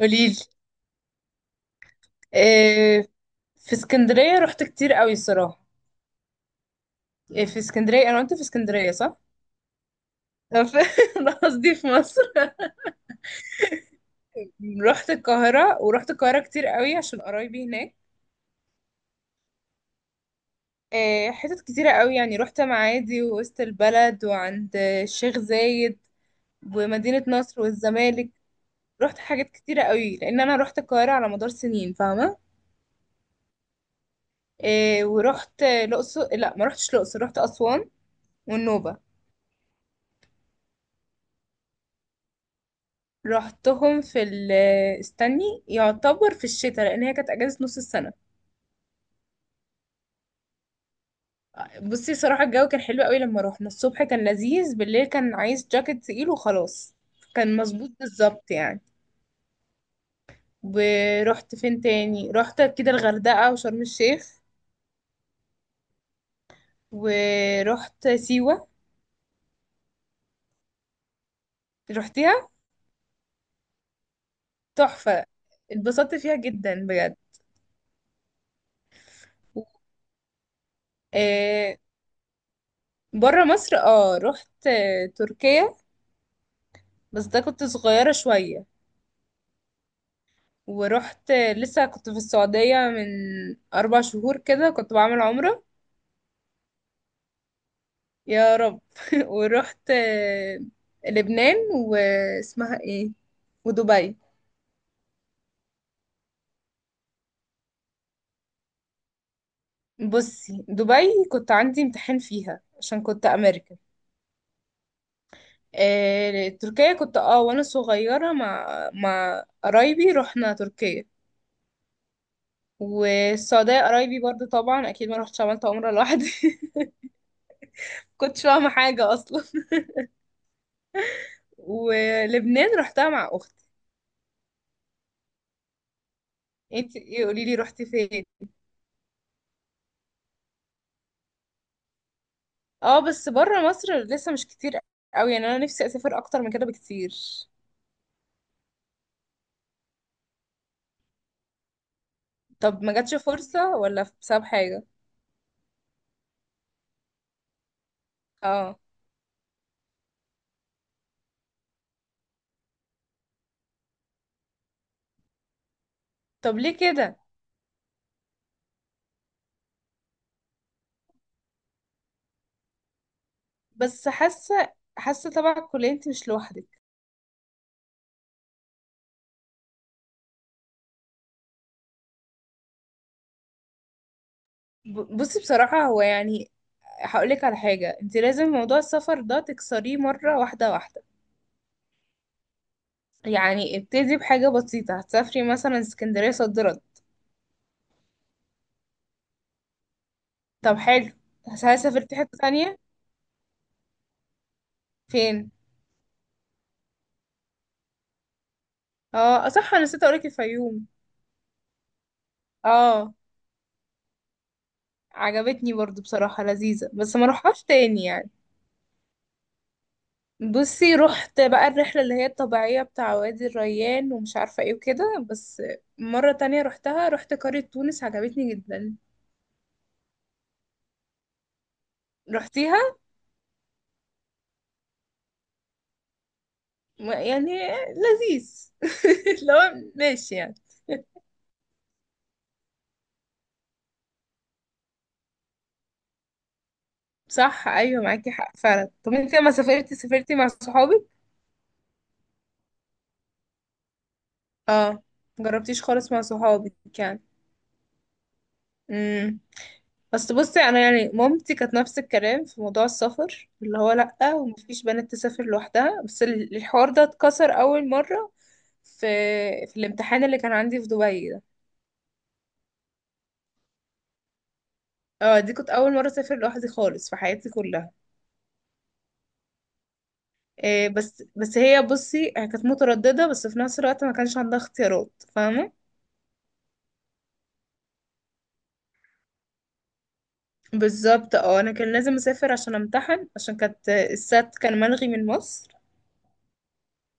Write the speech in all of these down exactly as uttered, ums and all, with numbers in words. قوليلي. آه، في اسكندرية رحت كتير قوي الصراحة. آه، في اسكندرية أنا وأنت في اسكندرية صح؟ أنا في- أنا قصدي في مصر. رحت القاهرة، ورحت القاهرة كتير قوي عشان قرايبي هناك. آه، حتت كتيرة قوي، يعني رحت معادي ووسط البلد وعند الشيخ زايد ومدينة نصر والزمالك. رحت حاجات كتيرة قوي لأن أنا رحت القاهرة على مدار سنين، فاهمة؟ آه، ورحت الأقصر. لأ، ما رحتش الأقصر، رحت أسوان والنوبة. رحتهم في ال استني، يعتبر في الشتاء لان هي كانت اجازه نص السنه. بصي صراحه الجو كان حلو قوي، لما روحنا الصبح كان لذيذ، بالليل كان عايز جاكيت تقيل وخلاص. كان مظبوط بالظبط يعني. ورحت فين تاني؟ رحت كده الغردقه وشرم الشيخ، ورحت سيوه. رحتيها؟ تحفه. اتبسطت فيها جدا بجد. آه. بره مصر، اه رحت آه، تركيا، بس ده كنت صغيره شويه. ورحت، لسه كنت في السعودية من أربع شهور كده، كنت بعمل عمرة. يا رب. ورحت آه، لبنان، واسمها ايه، ودبي. بصي دبي كنت عندي امتحان فيها عشان كنت امريكان. آه، تركيا كنت اه وانا صغيرة مع مع قرايبي رحنا تركيا. والسعودية قرايبي برضو طبعا، اكيد ما رحتش عملت عمرة لوحدي. كنتش فاهمة حاجة اصلا. ولبنان رحتها مع اختي. انتي ايه؟ قولي لي رحتي فين. اه بس بره مصر لسه مش كتير قوي يعني، انا نفسي اسافر اكتر من كده بكتير. طب ما جاتش فرصة ولا بسبب حاجة؟ اه. طب ليه كده؟ بس حاسة، حاسة طبعا الكلية انت مش لوحدك. ب- بصي بصراحة هو يعني هقولك على حاجة، انت لازم موضوع السفر ده تكسريه مرة واحدة واحدة. يعني ابتدي بحاجة بسيطة، هتسافري مثلا اسكندرية صد رد. طب حلو. هل سافرتي حتة تانية؟ فين؟ اه صح، انا نسيت اقولك الفيوم. اه. عجبتني برضو بصراحة، لذيذة بس ما روحهاش تاني يعني. بصي رحت بقى الرحلة اللي هي الطبيعية بتاع وادي الريان ومش عارفة ايه وكده، بس مرة تانية رحتها رحت قرية تونس، عجبتني جدا. رحتيها؟ م- يعني لذيذ. لو ماشي يعني. صح ايوه معاكي حق فعلا. طب انت لما سافرتي، سافرتي مع صحابك؟ اه. مجربتيش خالص مع صحابك يعني؟ امم. بس بصي انا يعني مامتي كانت نفس الكلام في موضوع السفر، اللي هو لأ ومفيش بنت تسافر لوحدها، بس ال- الحوار ده اتكسر اول مرة في في الامتحان اللي كان عندي في دبي ده. اه دي كنت اول مرة اسافر لوحدي خالص في حياتي كلها. إيه، بس بس هي، بصي هي كانت مترددة بس في نفس الوقت ما كانش عندها اختيارات، فاهمة؟ بالظبط. اه انا كان لازم اسافر عشان امتحن، عشان كانت السات كان ملغي من مصر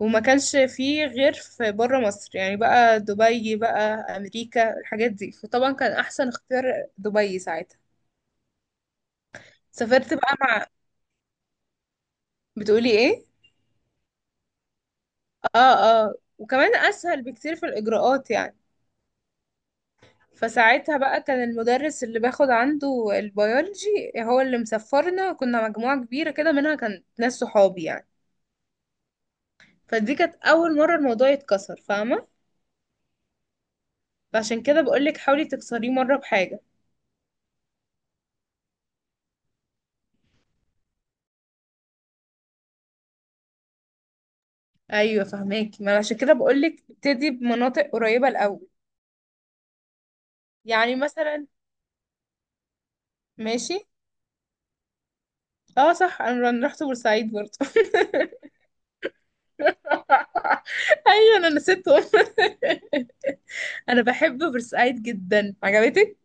وما كانش فيه غير في بره مصر يعني، بقى دبي بقى امريكا الحاجات دي، فطبعا كان احسن اختيار دبي ساعتها. سافرت بقى مع، بتقولي ايه؟ اه. اه وكمان اسهل بكتير في الاجراءات يعني. فساعتها بقى كان المدرس اللي باخد عنده البيولوجي هو اللي مسفرنا، كنا مجموعة كبيرة كده منها كان ناس صحابي يعني. فدي كانت اول مرة الموضوع يتكسر، فاهمة؟ فعشان كده بقولك حاولي تكسريه مرة بحاجة. ايوه فهماكي، ما أنا عشان كده بقول لك ابتدي بمناطق قريبه الاول. يعني مثلا. ماشي. اه صح، انا أنا رحت بورسعيد برضه. ايوه انا نسيتهم. انا بحب بورسعيد جدا. عجبتك؟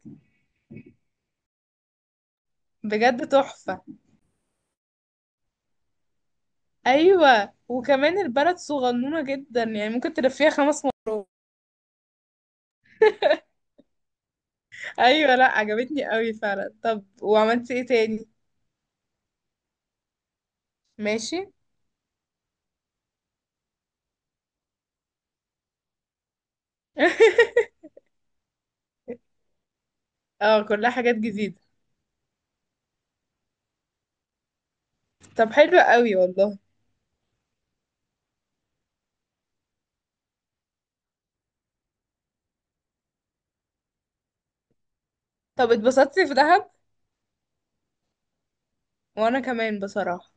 بجد تحفه. ايوه وكمان البلد صغنونه جدا يعني، ممكن تلفيها خمس مرات. ايوه لا عجبتني قوي فعلا. طب وعملتي ايه تاني؟ ماشي. اه كلها حاجات جديده. طب حلو قوي والله. طب اتبسطتي في دهب؟ وانا كمان بصراحة.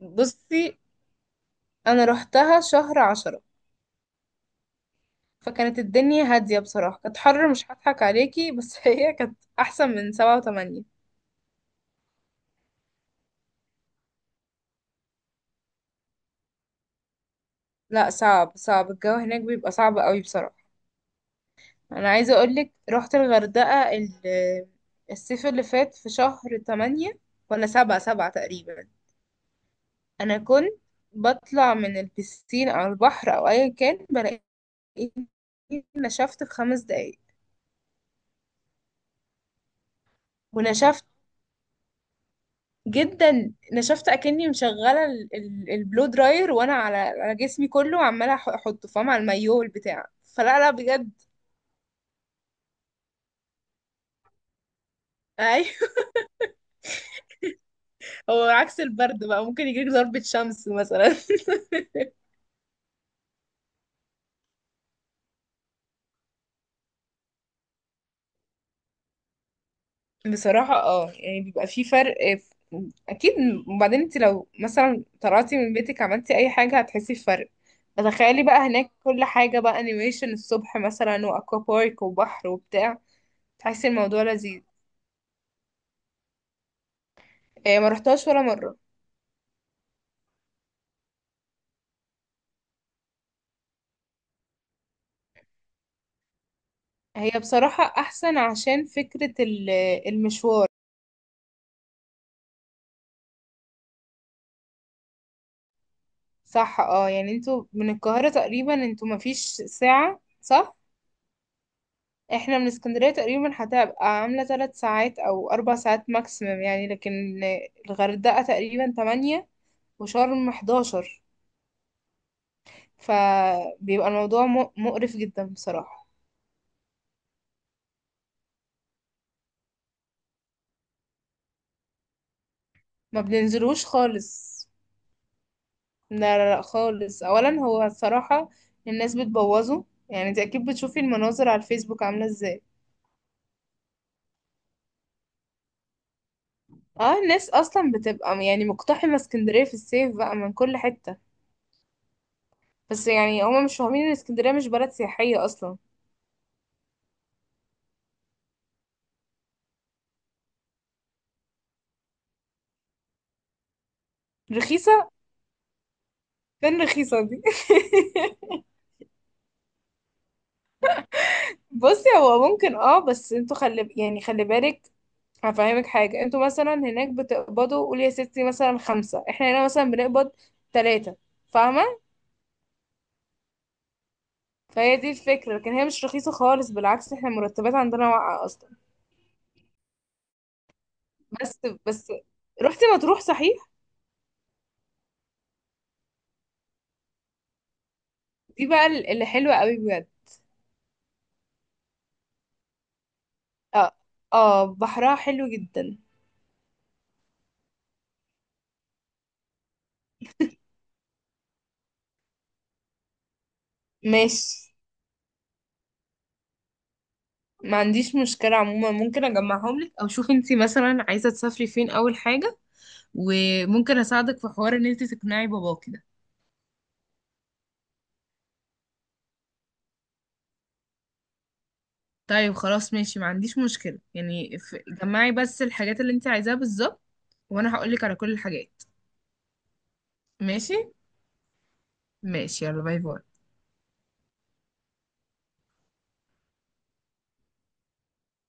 بصي انا رحتها شهر عشرة، فكانت الدنيا هادية بصراحة. كانت حر مش هضحك عليكي بس هي كانت احسن من سبعة وتمانية. لا صعب، صعب الجو هناك بيبقى صعب قوي بصراحة. انا عايزة اقولك رحت الغردقة ال- الصيف اللي فات في شهر تمانية، ولا سبعة، سبعة تقريبا. انا كنت بطلع من البسين او البحر او ايا كان بلاقي نشفت في خمس دقايق. ونشفت جدا، نشفت اكني مشغله ال- ال- البلو دراير وانا على على جسمي كله، عماله أح- احطه، فاهم، على المايوه والبتاع، فلا لا بجد. ايوه. هو عكس البرد بقى، ممكن يجيلك ضربة شمس مثلا. بصراحة اه يعني بيبقى في فرق في، اكيد. وبعدين انت لو مثلا طلعتي من بيتك عملتي اي حاجة هتحسي بفرق، فتخيلي بقى هناك كل حاجة بقى انيميشن الصبح مثلا، واكوا بارك وبحر وبتاع، تحسي الموضوع لذيذ. إيه، ما رحتهاش ولا مرة. هي بصراحة أحسن عشان فكرة ال- المشوار. صح، اه يعني انتوا من القاهرة تقريبا انتوا مفيش ساعة صح؟ احنا من اسكندرية تقريبا هتبقى عاملة ثلاث ساعات أو أربع ساعات ماكسيمم يعني، لكن الغردقة تقريبا تمانية وشرم حداشر. فبيبقى الموضوع م- مقرف جدا بصراحة. ما بننزلوش خالص. لا لا لا خالص. أولا هو الصراحة الناس بتبوظه، يعني انت أكيد بتشوفي المناظر على الفيسبوك عاملة ازاي. اه الناس اصلا بتبقى يعني مقتحمه اسكندريه في الصيف بقى من كل حته. بس يعني هما مش فاهمين ان اسكندريه مش بلد سياحيه اصلا. رخيصه؟ فين رخيصه دي؟ بصي هو ممكن اه، بس انتوا خلي يعني خلي بالك، هفهمك حاجه. انتوا مثلا هناك بتقبضوا قول يا ستي مثلا خمسة، احنا هنا مثلا بنقبض ثلاثة، فاهمه؟ فهي دي الفكره، لكن هي مش رخيصه خالص، بالعكس احنا المرتبات عندنا واقعه اصلا. بس بس رحتي مطروح صحيح؟ دي بقى اللي حلوه قوي بجد. اه. اه بحرها حلو جدا. ماشي، ما عنديش مشكلة عموما. ممكن اجمعهم لك، او شوفي انتي مثلا عايزة تسافري فين اول حاجة، وممكن اساعدك في حوار ان انتي تقنعي باباكي ده. طيب خلاص ماشي ما عنديش مشكلة يعني ف- جمعي بس الحاجات اللي انتي عايزاها بالظبط وانا هقولك على كل الحاجات. ماشي. ماشي، يلا باي باي.